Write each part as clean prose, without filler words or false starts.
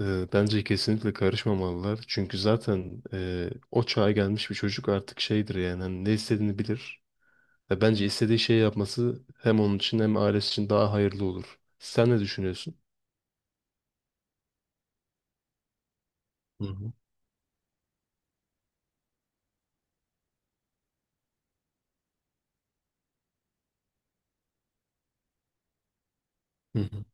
Bence kesinlikle karışmamalılar. Çünkü zaten o çağa gelmiş bir çocuk artık şeydir yani hani ne istediğini bilir. Ve bence istediği şeyi yapması hem onun için hem ailesi için daha hayırlı olur. Sen ne düşünüyorsun? Hı hı. Hı hı.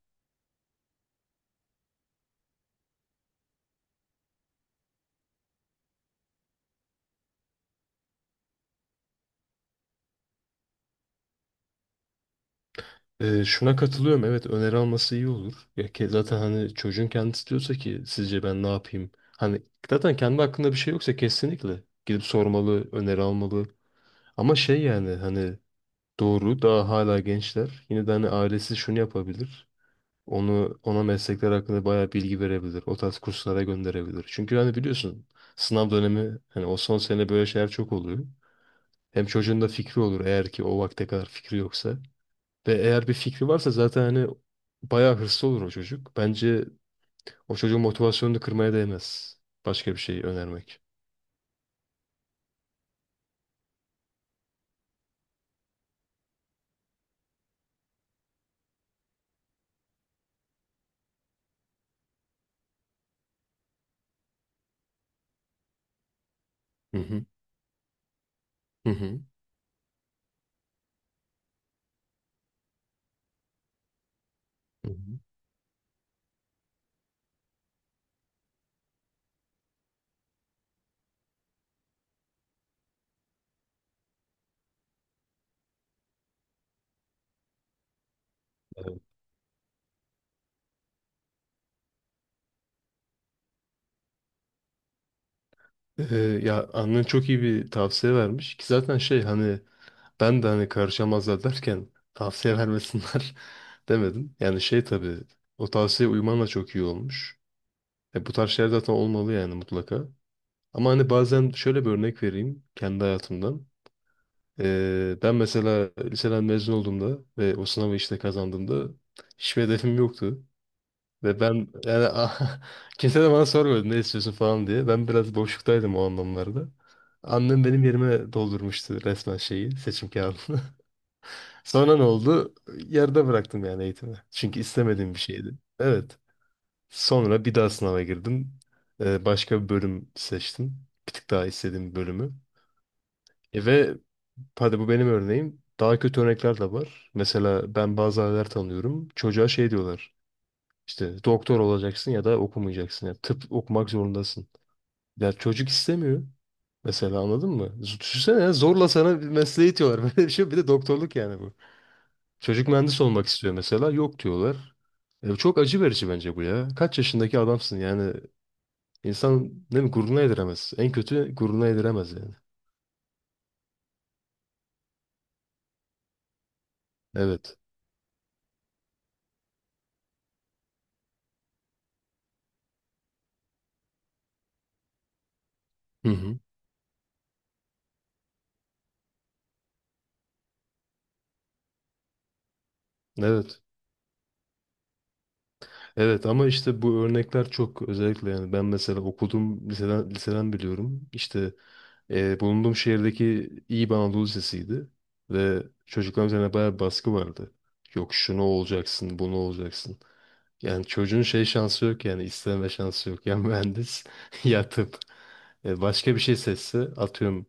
Şuna katılıyorum. Evet, öneri alması iyi olur. Ya ki zaten hani çocuğun kendisi diyorsa ki sizce ben ne yapayım? Hani zaten kendi hakkında bir şey yoksa kesinlikle gidip sormalı, öneri almalı. Ama şey yani hani doğru, daha hala gençler. Yine de hani ailesi şunu yapabilir. Onu, ona meslekler hakkında bayağı bilgi verebilir. O tarz kurslara gönderebilir. Çünkü hani biliyorsun, sınav dönemi hani o son sene böyle şeyler çok oluyor. Hem çocuğun da fikri olur eğer ki o vakte kadar fikri yoksa. Ve eğer bir fikri varsa zaten hani bayağı hırslı olur o çocuk. Bence o çocuğun motivasyonunu kırmaya değmez. Başka bir şey önermek. Hı hı. Hı hı. Hı hı. Evet. Ya annen çok iyi bir tavsiye vermiş ki zaten şey hani ben de hani karışamazlar derken tavsiye vermesinler demedim. Yani şey, tabii o tavsiye uyman da çok iyi olmuş. Bu tarz şeyler zaten olmalı yani, mutlaka. Ama hani bazen şöyle bir örnek vereyim kendi hayatımdan. Ben mesela liseden mezun olduğumda ve o sınavı işte kazandığımda hiçbir hedefim yoktu. Ve ben yani ah, kimse de bana sormadı ne istiyorsun falan diye. Ben biraz boşluktaydım o anlamlarda. Annem benim yerime doldurmuştu resmen şeyi, seçim kağıdını. Sonra ne oldu? Yarıda bıraktım yani eğitimi. Çünkü istemediğim bir şeydi. Evet. Sonra bir daha sınava girdim. Başka bir bölüm seçtim. Bir tık daha istediğim bir bölümü. Ve hadi, bu benim örneğim. Daha kötü örnekler de var. Mesela ben bazı aileler tanıyorum. Çocuğa şey diyorlar. İşte doktor olacaksın ya da okumayacaksın. Yani tıp okumak zorundasın. Ya çocuk istemiyor. Mesela anladın mı? Düşünsene ya, zorla sana bir mesleği itiyorlar. Böyle bir şey. Bir de doktorluk yani bu. Çocuk mühendis olmak istiyor mesela. Yok diyorlar. Çok acı verici bence bu ya. Kaç yaşındaki adamsın yani. İnsan ne mi gururuna yediremez. En kötü gururuna yediremez yani. Evet. Hı hı. Evet. Evet ama işte bu örnekler çok özellikle, yani ben mesela okudum, liseden biliyorum. İşte bulunduğum şehirdeki iyi bir Anadolu Lisesi'ydi ve çocukların üzerine bayağı bir baskı vardı. Yok şunu olacaksın, bunu olacaksın. Yani çocuğun şey şansı yok, yani isteme şansı yok. Ya mühendis ya tıp. Başka bir şey seçse, atıyorum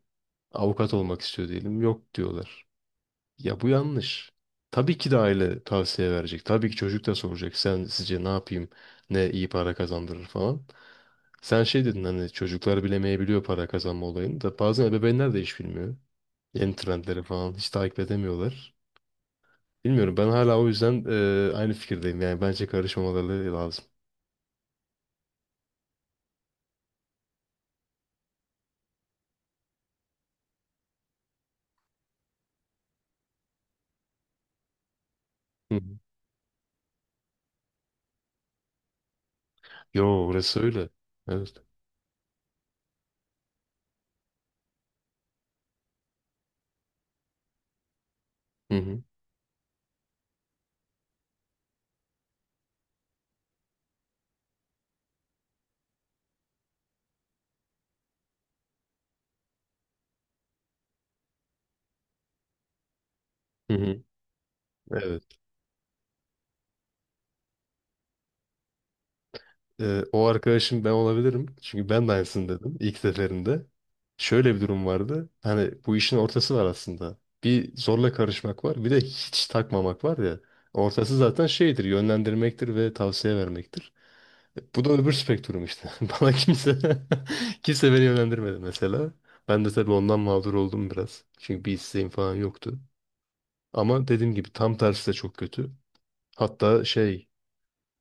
avukat olmak istiyor diyelim. Yok diyorlar. Ya bu yanlış. Tabii ki de aile tavsiye verecek. Tabii ki çocuk da soracak. Sen, sizce ne yapayım? Ne iyi para kazandırır falan. Sen şey dedin hani çocuklar bilemeyebiliyor para kazanma olayını, da bazen ebeveynler de hiç bilmiyor. Yeni trendleri falan hiç takip edemiyorlar. Bilmiyorum, ben hala o yüzden aynı fikirdeyim. Yani bence karışmamaları lazım. Hı hı. Yo, orası öyle. Evet. Hı hı. Hı hı. Evet. O arkadaşım ben olabilirim. Çünkü ben de aynısını dedim ilk seferinde. Şöyle bir durum vardı. Hani bu işin ortası var aslında. Bir zorla karışmak var. Bir de hiç takmamak var ya. Ortası zaten şeydir. Yönlendirmektir ve tavsiye vermektir. Bu da öbür spektrum işte. Bana kimse kimse beni yönlendirmedi mesela. Ben de tabii ondan mağdur oldum biraz. Çünkü bir isteğim falan yoktu. Ama dediğim gibi tam tersi de çok kötü. Hatta şey,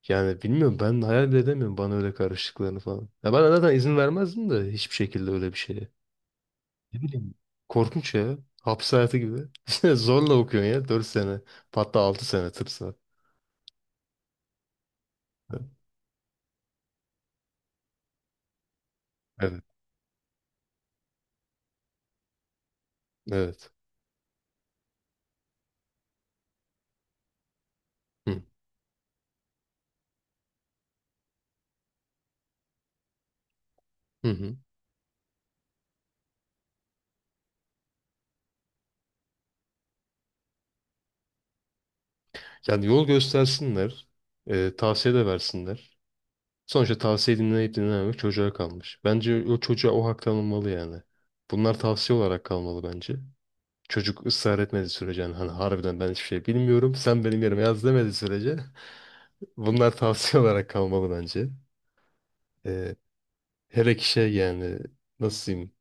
yani bilmiyorum, ben hayal bile edemiyorum bana öyle karıştıklarını falan. Ya ben zaten izin vermezdim de hiçbir şekilde öyle bir şeye. Ne bileyim. Korkunç ya. Hapis hayatı gibi. Zorla okuyorsun ya 4 sene. Hatta 6 sene tıp var. Evet. Evet. Hı. Hı hı. Yani yol göstersinler. Tavsiye de versinler. Sonuçta tavsiye dinleyip dinlememek çocuğa kalmış. Bence o çocuğa o hak tanınmalı yani. Bunlar tavsiye olarak kalmalı bence. Çocuk ısrar etmediği sürece, yani hani harbiden ben hiçbir şey bilmiyorum, sen benim yerime yaz demediği sürece bunlar tavsiye olarak kalmalı bence. Ee, Hele ki şey yani, nasıl diyeyim?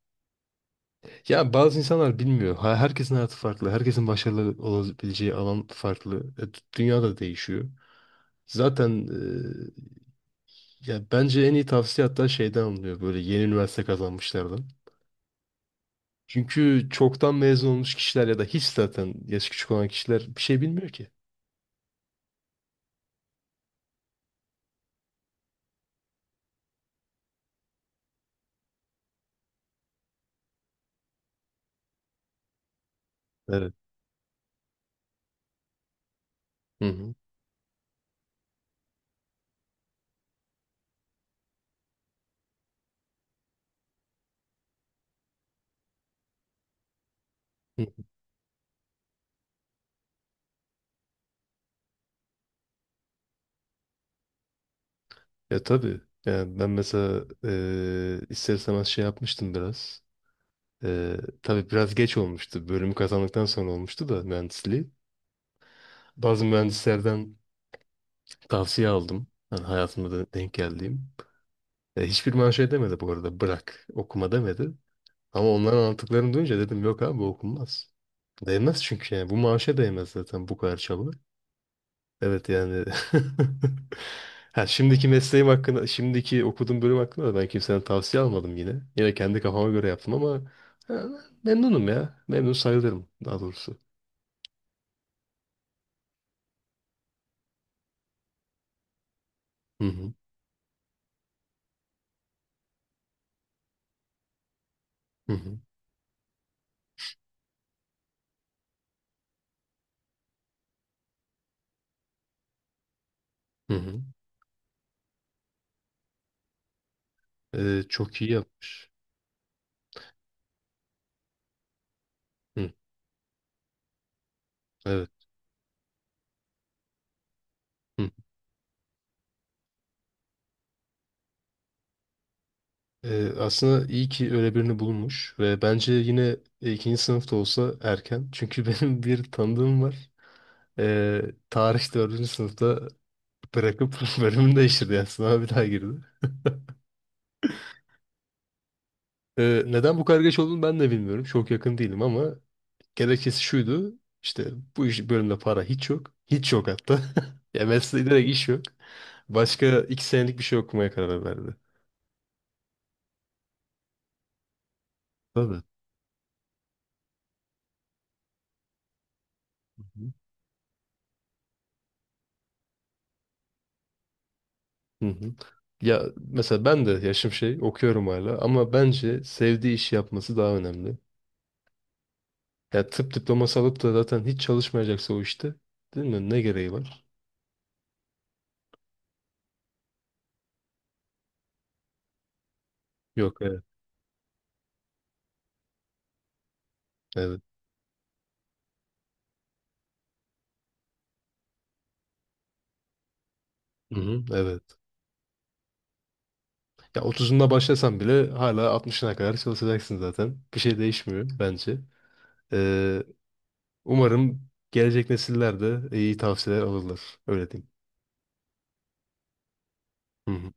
Ya bazı insanlar bilmiyor. Herkesin hayatı farklı. Herkesin başarılı olabileceği alan farklı. Dünya da değişiyor. Zaten ya bence en iyi tavsiye hatta şeyden alınıyor, böyle yeni üniversite kazanmışlardan. Çünkü çoktan mezun olmuş kişiler ya da hiç zaten yaşı küçük olan kişiler bir şey bilmiyor ki. Evet. Hı hı. Ya tabii. Yani ben mesela ister istemez şey yapmıştım biraz. Eee tabii biraz geç olmuştu. Bölümü kazandıktan sonra olmuştu da, mühendisliği. Bazı mühendislerden tavsiye aldım. Yani hayatımda da denk geldiğim. Hiçbir bana şey demedi bu arada. Bırak, okuma demedi. Ama onların anlattıklarını duyunca dedim yok abi, bu okunmaz. Değmez çünkü yani. Bu maaşa değmez zaten bu kadar çaba. Evet yani. Ha, şimdiki mesleğim hakkında, şimdiki okuduğum bölüm hakkında da ben kimseden tavsiye almadım yine. Yine kendi kafama göre yaptım ama ha, memnunum ya. Memnun sayılırım daha doğrusu. Hı hı. Hı hı. Hı hı. Çok iyi yapmış. Hı, evet. Hı. Aslında iyi ki öyle birini bulmuş ve bence yine ikinci sınıfta olsa erken. Çünkü benim bir tanıdığım var. Ee, Tarih dördüncü sınıfta bırakıp bölümünü değiştirdi. Yani sınava bir daha girdi. Neden bu kadar geç olduğunu ben de bilmiyorum. Çok yakın değilim ama gerekçesi şuydu. İşte bu iş bölümde para hiç yok. Hiç yok hatta. Ya mesleği, direkt iş yok. Başka 2 senelik bir şey okumaya karar verdi. Tabii. Hı hı. Hı hı. Ya mesela ben de yaşım şey okuyorum hala, ama bence sevdiği işi yapması daha önemli. Ya tıp diploması alıp da zaten hiç çalışmayacaksa o işte, değil mi? Ne gereği var? Yok, evet. Evet. Hı hı, evet. Ya 30'unda başlasan bile hala 60'ına kadar çalışacaksın zaten. Bir şey değişmiyor bence. Ee, Umarım gelecek nesiller de iyi tavsiyeler alırlar. Öyle diyeyim. Hı hı.